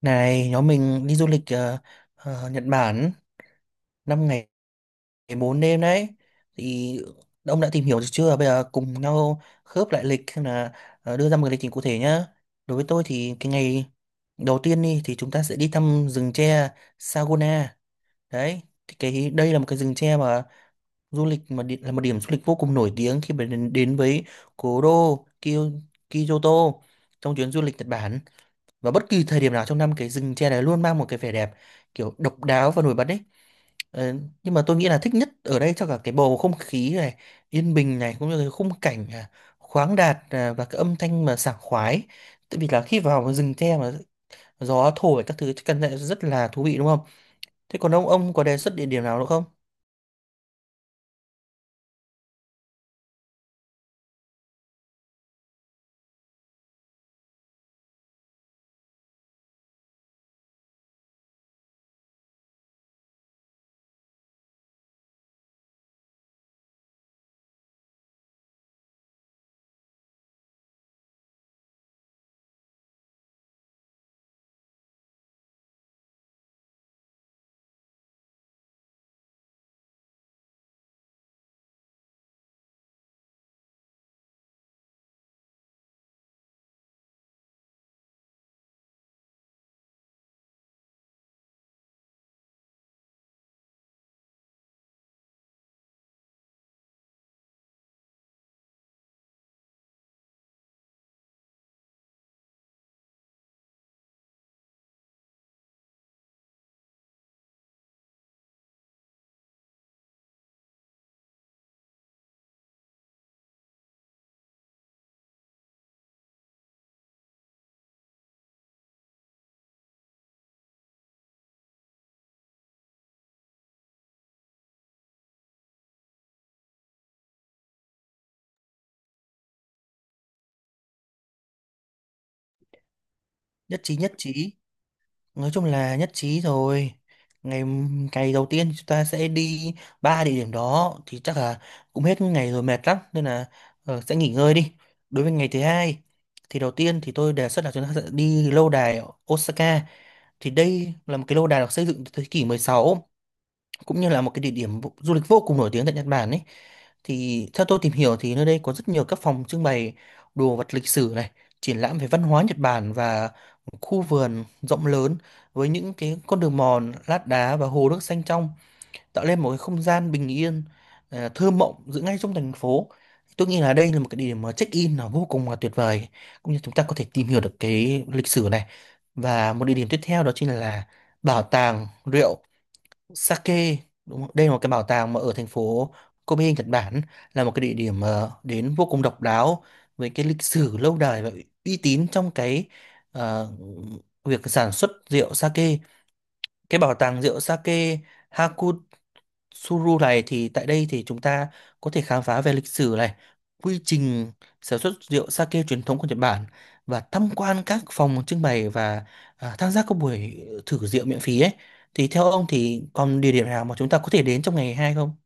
Này, nhóm mình đi du lịch Nhật Bản 5 ngày 4 đêm đấy. Thì ông đã tìm hiểu được chưa? Bây giờ cùng nhau khớp lại lịch xem là, đưa ra một cái lịch trình cụ thể nhá. Đối với tôi thì cái ngày đầu tiên đi thì chúng ta sẽ đi thăm rừng tre Saguna. Đấy, thì cái đây là một cái rừng tre mà du lịch mà đi, là một điểm du lịch vô cùng nổi tiếng khi mà đến với cố đô Kyoto trong chuyến du lịch Nhật Bản. Và bất kỳ thời điểm nào trong năm, cái rừng tre này luôn mang một cái vẻ đẹp kiểu độc đáo và nổi bật đấy. Ờ, nhưng mà tôi nghĩ là thích nhất ở đây cho cả cái bầu không khí này yên bình này, cũng như cái khung cảnh, à, khoáng đạt, à, và cái âm thanh mà sảng khoái, tại vì là khi vào cái rừng tre mà gió thổi các thứ chắc chắn là rất là thú vị đúng không? Thế còn ông có đề xuất địa điểm nào nữa không? Nhất trí, nhất trí! Nói chung là nhất trí rồi. Ngày ngày đầu tiên chúng ta sẽ đi ba địa điểm, đó thì chắc là cũng hết ngày rồi, mệt lắm nên là sẽ nghỉ ngơi đi. Đối với ngày thứ hai thì đầu tiên thì tôi đề xuất là chúng ta sẽ đi lâu đài ở Osaka. Thì đây là một cái lâu đài được xây dựng từ thế kỷ 16, cũng như là một cái địa điểm du lịch vô cùng nổi tiếng tại Nhật Bản ấy. Thì theo tôi tìm hiểu thì nơi đây có rất nhiều các phòng trưng bày đồ vật lịch sử này, triển lãm về văn hóa Nhật Bản, và một khu vườn rộng lớn với những cái con đường mòn lát đá và hồ nước xanh trong, tạo lên một cái không gian bình yên, à, thơ mộng giữa ngay trong thành phố. Tôi nghĩ là đây là một cái địa điểm mà check-in là vô cùng là tuyệt vời, cũng như chúng ta có thể tìm hiểu được cái lịch sử này. Và một địa điểm tiếp theo đó chính là bảo tàng rượu Sake, đúng không? Đây là một cái bảo tàng mà ở thành phố Kobe, Nhật Bản, là một cái địa điểm đến vô cùng độc đáo với cái lịch sử lâu đời và uy tín trong cái, ờ, việc sản xuất rượu sake. Cái bảo tàng rượu sake Suru này, thì tại đây thì chúng ta có thể khám phá về lịch sử này, quy trình sản xuất rượu sake truyền thống của Nhật Bản, và tham quan các phòng trưng bày, và, à, tham gia các buổi thử rượu miễn phí ấy. Thì theo ông thì còn địa điểm nào mà chúng ta có thể đến trong ngày hai không?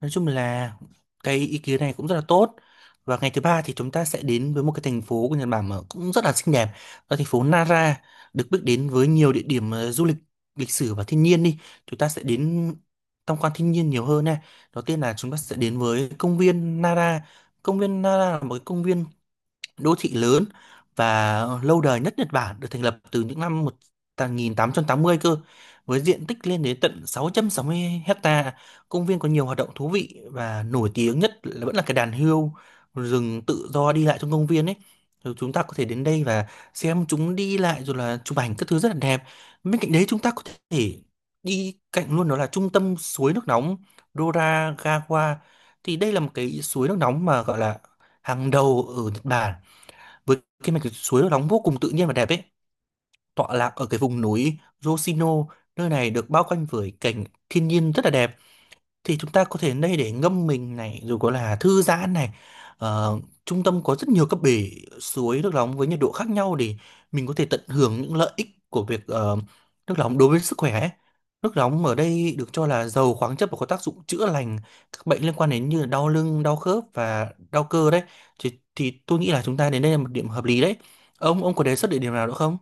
Nói chung là cái ý kiến này cũng rất là tốt. Và ngày thứ ba thì chúng ta sẽ đến với một cái thành phố của Nhật Bản mà cũng rất là xinh đẹp. Đó là thành phố Nara, được biết đến với nhiều địa điểm du lịch lịch sử và thiên nhiên đi. Chúng ta sẽ đến tham quan thiên nhiên nhiều hơn này. Đầu tiên là chúng ta sẽ đến với công viên Nara. Công viên Nara là một cái công viên đô thị lớn và lâu đời nhất Nhật Bản, được thành lập từ những năm một nghìn tám tám trăm tám mươi cơ, với diện tích lên đến tận sáu sáu trăm sáu mươi hecta. Công viên có nhiều hoạt động thú vị, và nổi tiếng nhất là vẫn là cái đàn hươu rừng tự do đi lại trong công viên ấy. Rồi chúng ta có thể đến đây và xem chúng đi lại rồi là chụp ảnh các thứ, rất là đẹp. Bên cạnh đấy, chúng ta có thể đi cạnh luôn, đó là trung tâm suối nước nóng Doragawa. Thì đây là một cái suối nước nóng mà gọi là hàng đầu ở Nhật Bản, với cái mạch suối nóng vô cùng tự nhiên và đẹp ấy, tọa lạc ở cái vùng núi Rosino. Nơi này được bao quanh với cảnh thiên nhiên rất là đẹp. Thì chúng ta có thể đây để ngâm mình này rồi có là thư giãn này. Ờ, Trung tâm có rất nhiều các bể suối nước nóng với nhiệt độ khác nhau, để mình có thể tận hưởng những lợi ích của việc, nước nóng đối với sức khỏe ấy. Nước nóng ở đây được cho là giàu khoáng chất và có tác dụng chữa lành các bệnh liên quan đến như là đau lưng, đau khớp và đau cơ đấy. Thì tôi nghĩ là chúng ta đến đây là một điểm hợp lý đấy. Ông có đề xuất địa điểm nào nữa không?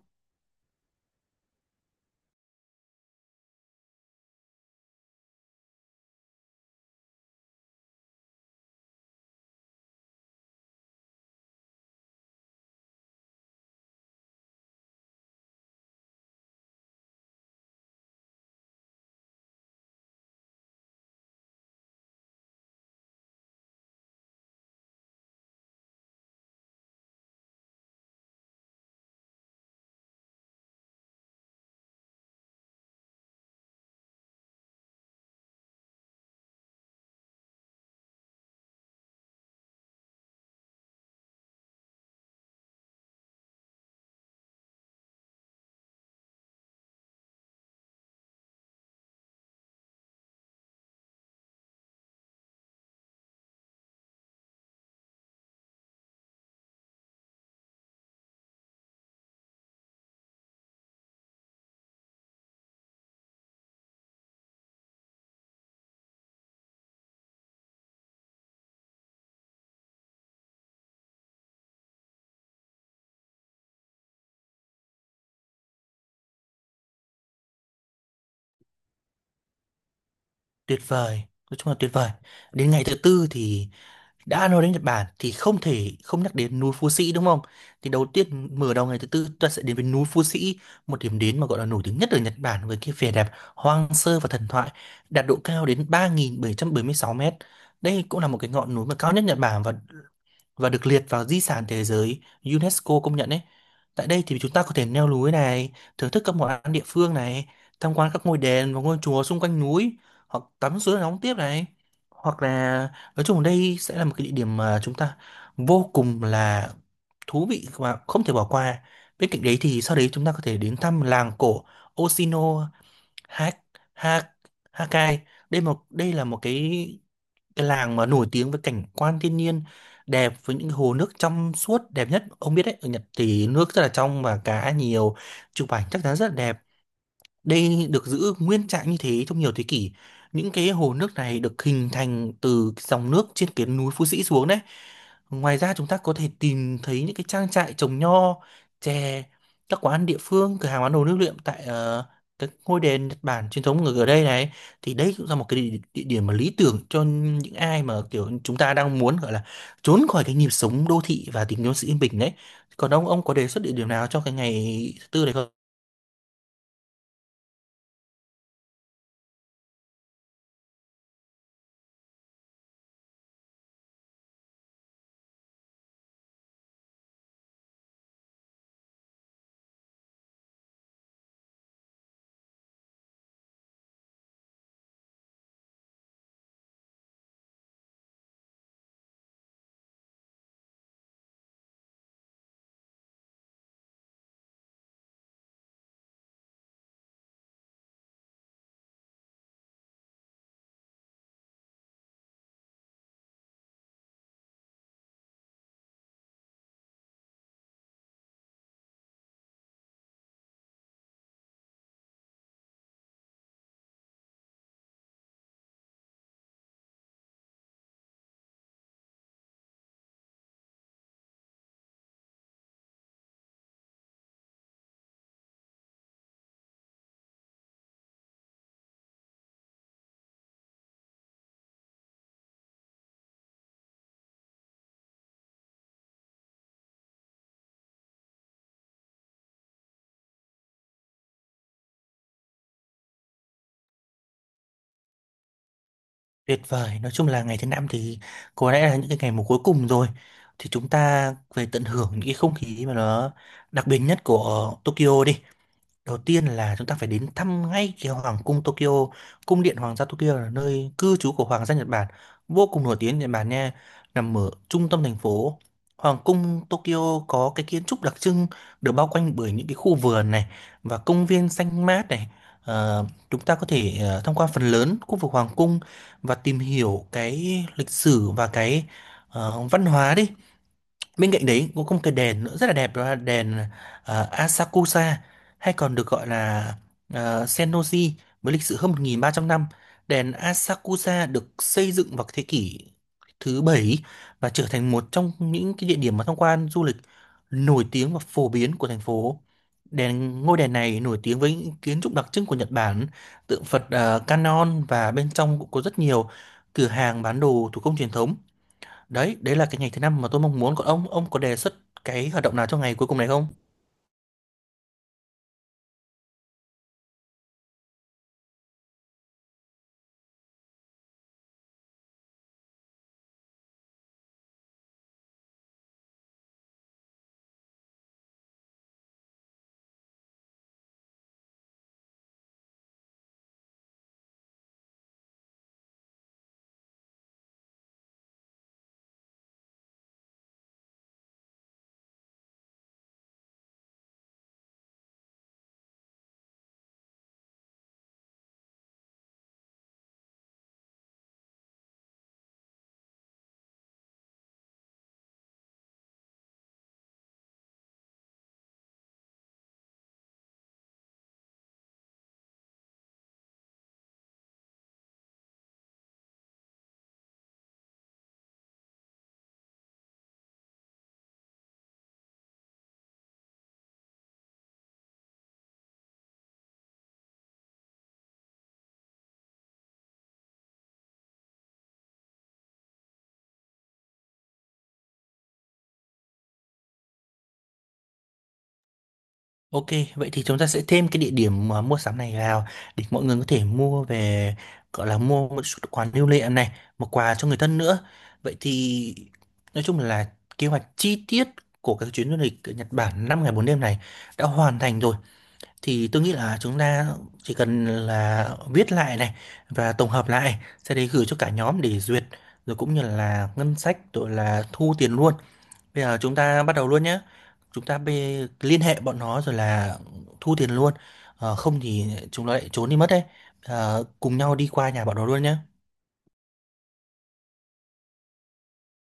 Tuyệt vời, nói chung là tuyệt vời. Đến ngày thứ tư thì, đã nói đến Nhật Bản thì không thể không nhắc đến núi Phú Sĩ đúng không? Thì đầu tiên, mở đầu ngày thứ tư ta sẽ đến với núi Phú Sĩ, một điểm đến mà gọi là nổi tiếng nhất ở Nhật Bản với cái vẻ đẹp hoang sơ và thần thoại, đạt độ cao đến 3.776 mét. Đây cũng là một cái ngọn núi mà cao nhất Nhật Bản, và được liệt vào di sản thế giới UNESCO công nhận ấy. Tại đây thì chúng ta có thể leo núi này, thưởng thức các món ăn địa phương này, tham quan các ngôi đền và ngôi chùa xung quanh núi, hoặc tắm suối nóng tiếp này. Hoặc là nói chung đây sẽ là một cái địa điểm mà chúng ta vô cùng là thú vị và không thể bỏ qua. Bên cạnh đấy thì sau đấy chúng ta có thể đến thăm làng cổ Osino Hát Hát Hakai. Đây là một cái làng mà nổi tiếng với cảnh quan thiên nhiên đẹp, với những hồ nước trong suốt đẹp nhất, ông biết đấy, ở Nhật thì nước rất là trong và cá nhiều, chụp ảnh chắc chắn rất là đẹp. Đây được giữ nguyên trạng như thế trong nhiều thế kỷ. Những cái hồ nước này được hình thành từ dòng nước trên cái núi Phú Sĩ xuống đấy. Ngoài ra chúng ta có thể tìm thấy những cái trang trại trồng nho, chè, các quán địa phương, cửa hàng bán đồ lưu niệm tại, các ngôi đền Nhật Bản truyền thống ở ở đây này. Thì đây cũng là một cái địa điểm mà lý tưởng cho những ai mà kiểu chúng ta đang muốn gọi là trốn khỏi cái nhịp sống đô thị và tìm kiếm sự yên bình đấy. Còn ông có đề xuất địa điểm nào cho cái ngày thứ tư này không? Tuyệt vời, nói chung là ngày thứ năm thì có lẽ là những cái ngày mà cuối cùng rồi. Thì chúng ta về tận hưởng những cái không khí mà nó đặc biệt nhất của Tokyo đi. Đầu tiên là chúng ta phải đến thăm ngay cái Hoàng cung Tokyo. Cung điện Hoàng gia Tokyo là nơi cư trú của Hoàng gia Nhật Bản, vô cùng nổi tiếng Nhật Bản nha, nằm ở trung tâm thành phố. Hoàng cung Tokyo có cái kiến trúc đặc trưng, được bao quanh bởi những cái khu vườn này và công viên xanh mát này. Ờ, Chúng ta có thể, tham quan phần lớn khu vực Hoàng cung và tìm hiểu cái lịch sử và cái, văn hóa đi. Bên cạnh đấy cũng có một cái đền nữa rất là đẹp, đó là đền, Asakusa, hay còn được gọi là, Sennoji, với lịch sử hơn 1.300 năm. Đền Asakusa được xây dựng vào thế kỷ thứ bảy, và trở thành một trong những cái địa điểm mà tham quan du lịch nổi tiếng và phổ biến của thành phố. Ngôi đền này nổi tiếng với những kiến trúc đặc trưng của Nhật Bản, tượng Phật Kannon, và bên trong cũng có rất nhiều cửa hàng bán đồ thủ công truyền thống. Đấy, đấy là cái ngày thứ năm mà tôi mong muốn. Còn ông có đề xuất cái hoạt động nào cho ngày cuối cùng này không? Ok, vậy thì chúng ta sẽ thêm cái địa điểm mà mua sắm này vào, để mọi người có thể mua về, gọi là mua một chút quà lưu niệm này, một quà cho người thân nữa. Vậy thì nói chung là kế hoạch chi tiết của các chuyến du lịch ở Nhật Bản 5 ngày 4 đêm này đã hoàn thành rồi. Thì tôi nghĩ là chúng ta chỉ cần là viết lại này và tổng hợp lại, sau đấy gửi cho cả nhóm để duyệt, rồi cũng như là ngân sách rồi là thu tiền luôn. Bây giờ chúng ta bắt đầu luôn nhé. Chúng ta liên hệ bọn nó rồi là thu tiền luôn. Không thì chúng nó lại trốn đi mất đấy. Cùng nhau đi qua nhà bọn nó luôn nhé.